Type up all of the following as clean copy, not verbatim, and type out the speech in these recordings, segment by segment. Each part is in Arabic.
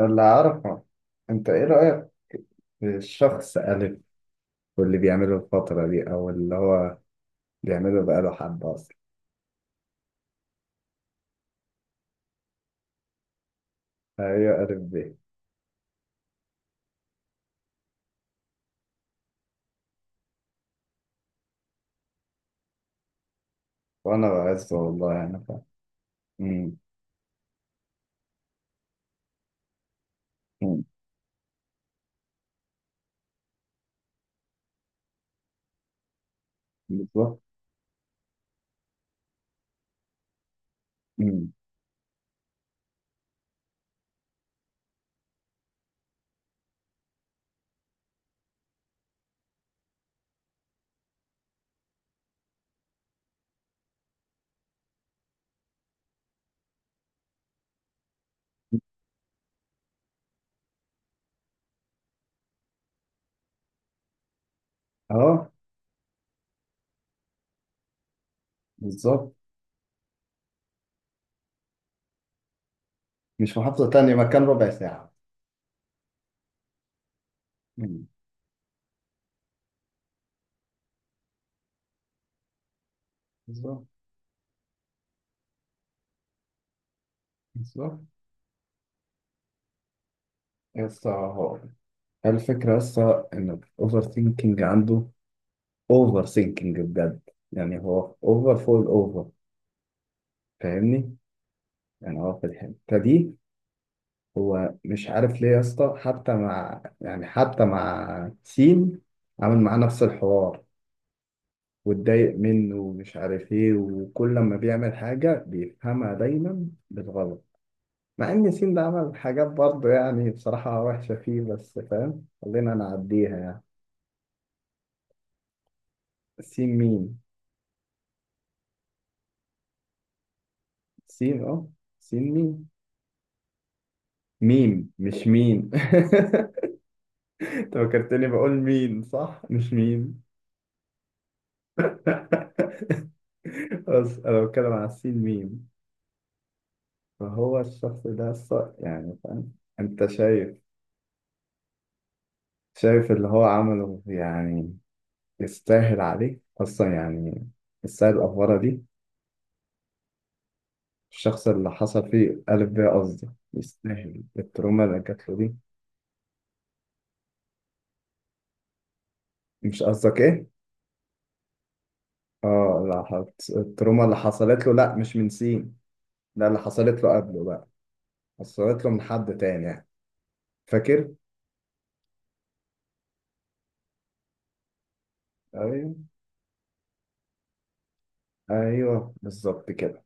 اللي أعرفه، أنت إيه رأيك في الشخص ألف واللي بيعمله الفترة دي أو اللي هو بيعمله بقاله حبة أصلا. أيوة ألف ب. وأنا بعزه والله يعني فاهم. أمم، أمم، بالظبط. أمم، أه. بالظبط. مش محافظة تانية، مكان ربع ساعة. أمم، بالظبط. بالظبط. يسطا، هو الفكرة يسطا إن الأوفر ثينكينج عنده. أوفر ثينكينج بجد، يعني هو أوفر فوق الأوفر. فاهمني؟ يعني هو في الحتة دي هو مش عارف ليه يا اسطى، حتى مع يعني حتى مع سين، عامل معاه نفس الحوار واتضايق منه ومش عارف ايه، وكل لما بيعمل حاجة بيفهمها دايما بالغلط. مع ان سين ده عمل حاجات برضه يعني بصراحة وحشة فيه، بس فاهم خلينا نعديها يعني. سين مين؟ سين اه. سين مين؟ ميم مش مين. انت فكرتني بقول مين، صح مش مين. بس انا بتكلم على السين ميم. فهو الشخص ده يعني فاهم، انت شايف؟ شايف اللي هو عمله يعني؟ يستاهل عليه اصلا يعني؟ يستاهل الافوره دي؟ الشخص اللي حصل فيه ألف ب قصدي، يستاهل التروما اللي جات له دي؟ مش قصدك ايه؟ اه لا، التروما اللي حصلت له لا مش من سين. لا اللي حصلت له قبله بقى، حصلت له من حد تاني يعني، فاكر؟ ايوه. ايوه بالظبط كده.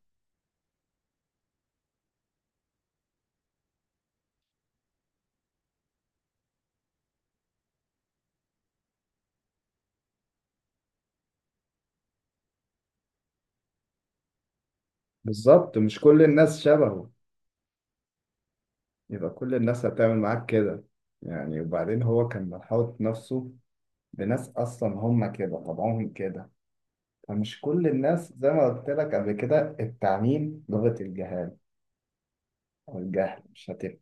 بالظبط، مش كل الناس شبهه. يبقى كل الناس هتعمل معاك كده يعني؟ وبعدين هو كان محاوط نفسه بناس أصلا هم كده، طبعهم كده. فمش كل الناس زي ما قلت لك قبل كده، التعميم لغة الجهال أو الجهل، مش هتفهم.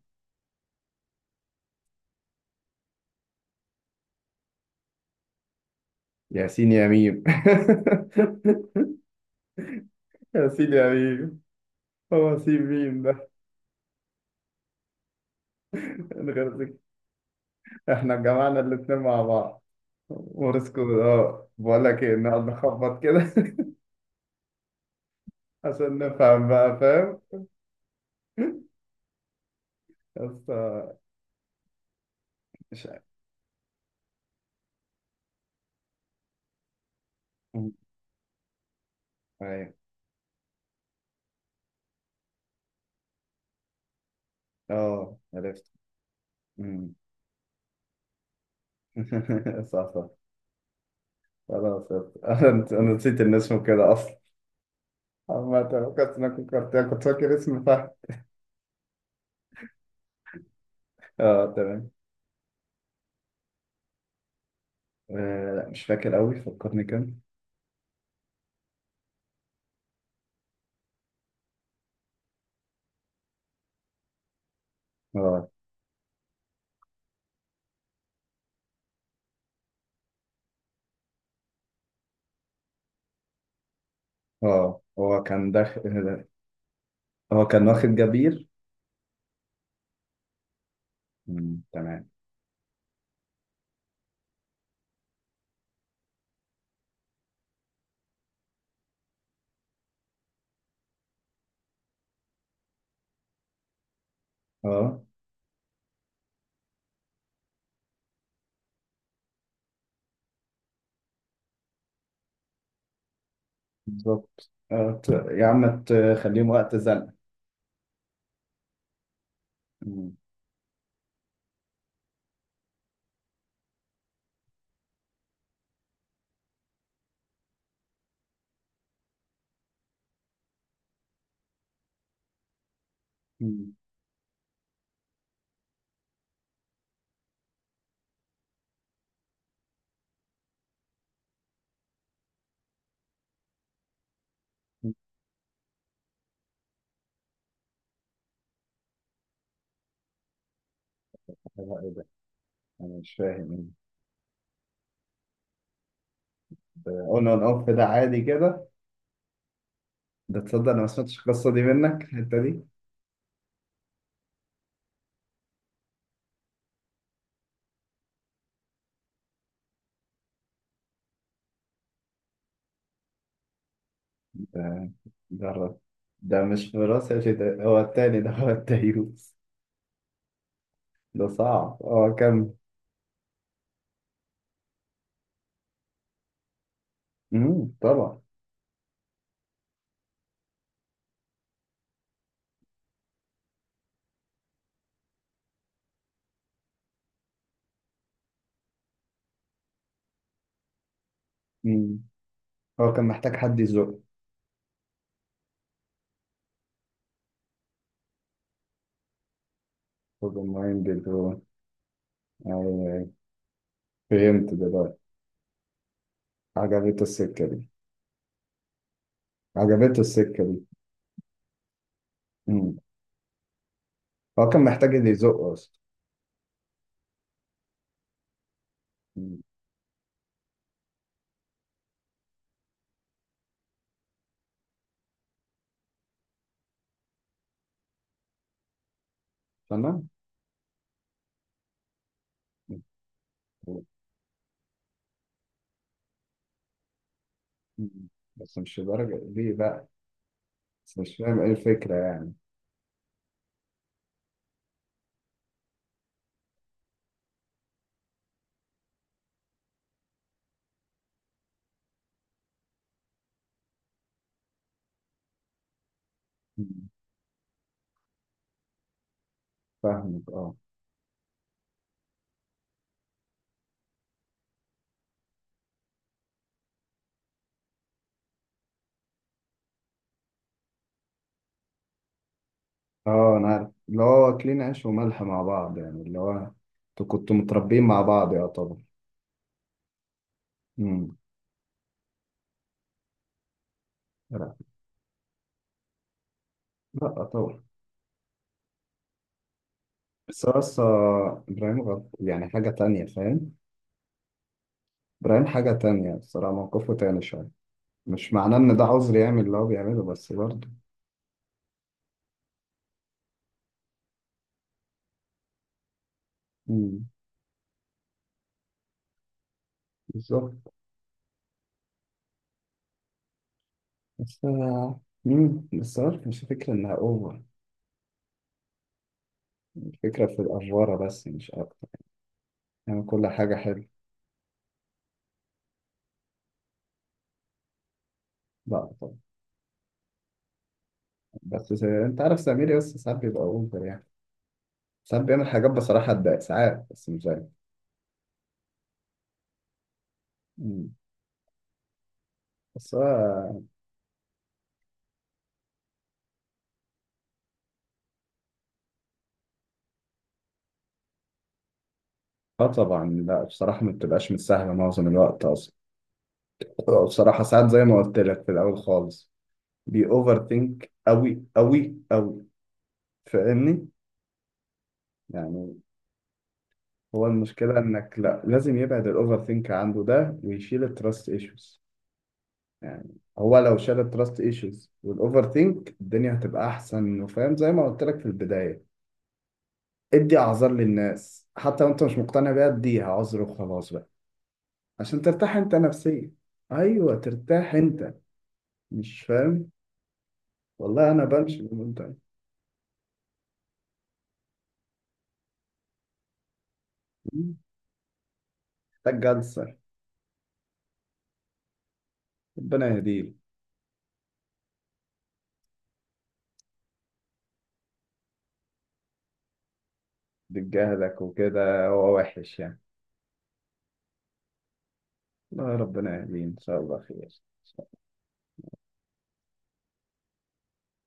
ياسين يا ميم. ياسين يا ميم، هو سين ميم ده من غير ذكر، احنا جمعنا الاتنين مع بعض. ورسكو، اه بقول لك ايه، نقعد نخبط كده. عشان نفهم بقى، فاهم؟ بس مش عارف. ايوه. اه عرفت. مم. صح صح، خلاص عرفت. انا نسيت ان اسمه كده اصلا. عامة كنت، انا فكرت، كنت فاكر اسم فهد. اه تمام. آه لا مش فاكر قوي، فكرني كان. اه. اه هو كان داخل. هو كان واخد جبير. مم. تمام. اه. بالظبط. اه يا عم تخليهم وقت زنقة. مم. مم. لا، ايه ده؟ انا مش فاهم. اون اون اوف ده on and off ده عادي كده. ده تصدق انا ما سمعتش القصة دي منك، الحتة دي. تمام. جرب. ده مش في راسي يا شيخ، ده هو التاني، ده هو التيوس. ده صعب. هو كان. مم. طبعا. مم. هو كان محتاج حد يزق. هو معين بالدرون. أيوة أيوة. فهمت دلوقتي. عجبته السكة دي. عجبته السكة دي. مم. هو كان محتاج اللي يزقه أصلا. مم. تمام. مم. بس مش لدرجة ليه بقى. بس مش فاهم إيه الفكرة يعني. مم. فاهمك أه. اه انا عارف، اللي هو اكلين عيش وملح مع بعض يعني، اللي هو انتوا كنتوا متربيين مع بعض يا طبعا. امم. لا. لا طبعا. بس هو أصلا ابراهيم غلط يعني، حاجة تانية فاهم. ابراهيم حاجة تانية، الصراحة موقفه تاني شوية. مش معناه ان ده عذر يعمل اللي هو بيعمله، بس برضه. امم. بالظبط. بس آه، امم. بس عارف مش فكرة انها اوفر، الفكرة في الافوارة بس مش اكتر. يعني كل حاجة حلوة. لا طبعا. انت عارف سمير يس ساعات بيبقى اوفر يعني، ساعات بيعمل حاجات بصراحة تضايق ساعات، بس مش دايما. مم. بس هو. اه طبعا، لا بصراحة ما بتبقاش مش سهلة معظم الوقت أصلا. هو بصراحة ساعات زي ما قلت لك في الأول خالص بي أوفر ثينك أوي أوي أوي. فاهمني؟ يعني هو المشكلة إنك، لا لازم يبعد الأوفر ثينك عنده ده ويشيل التراست إيشوز. يعني هو لو شال التراست إيشوز والأوفر ثينك الدنيا هتبقى أحسن، وفاهم زي ما قلت لك في البداية، ادي أعذار للناس حتى وأنت مش مقتنع بيها، اديها عذر وخلاص بقى. عشان ترتاح انت نفسيا. ايوه ترتاح انت. مش فاهم. والله انا بمشي بالمنتهى. محتاج جلسه. ربنا يهديك. بجهدك وكده هو وحش يعني. الله ربنا يهديه ان شاء الله خير.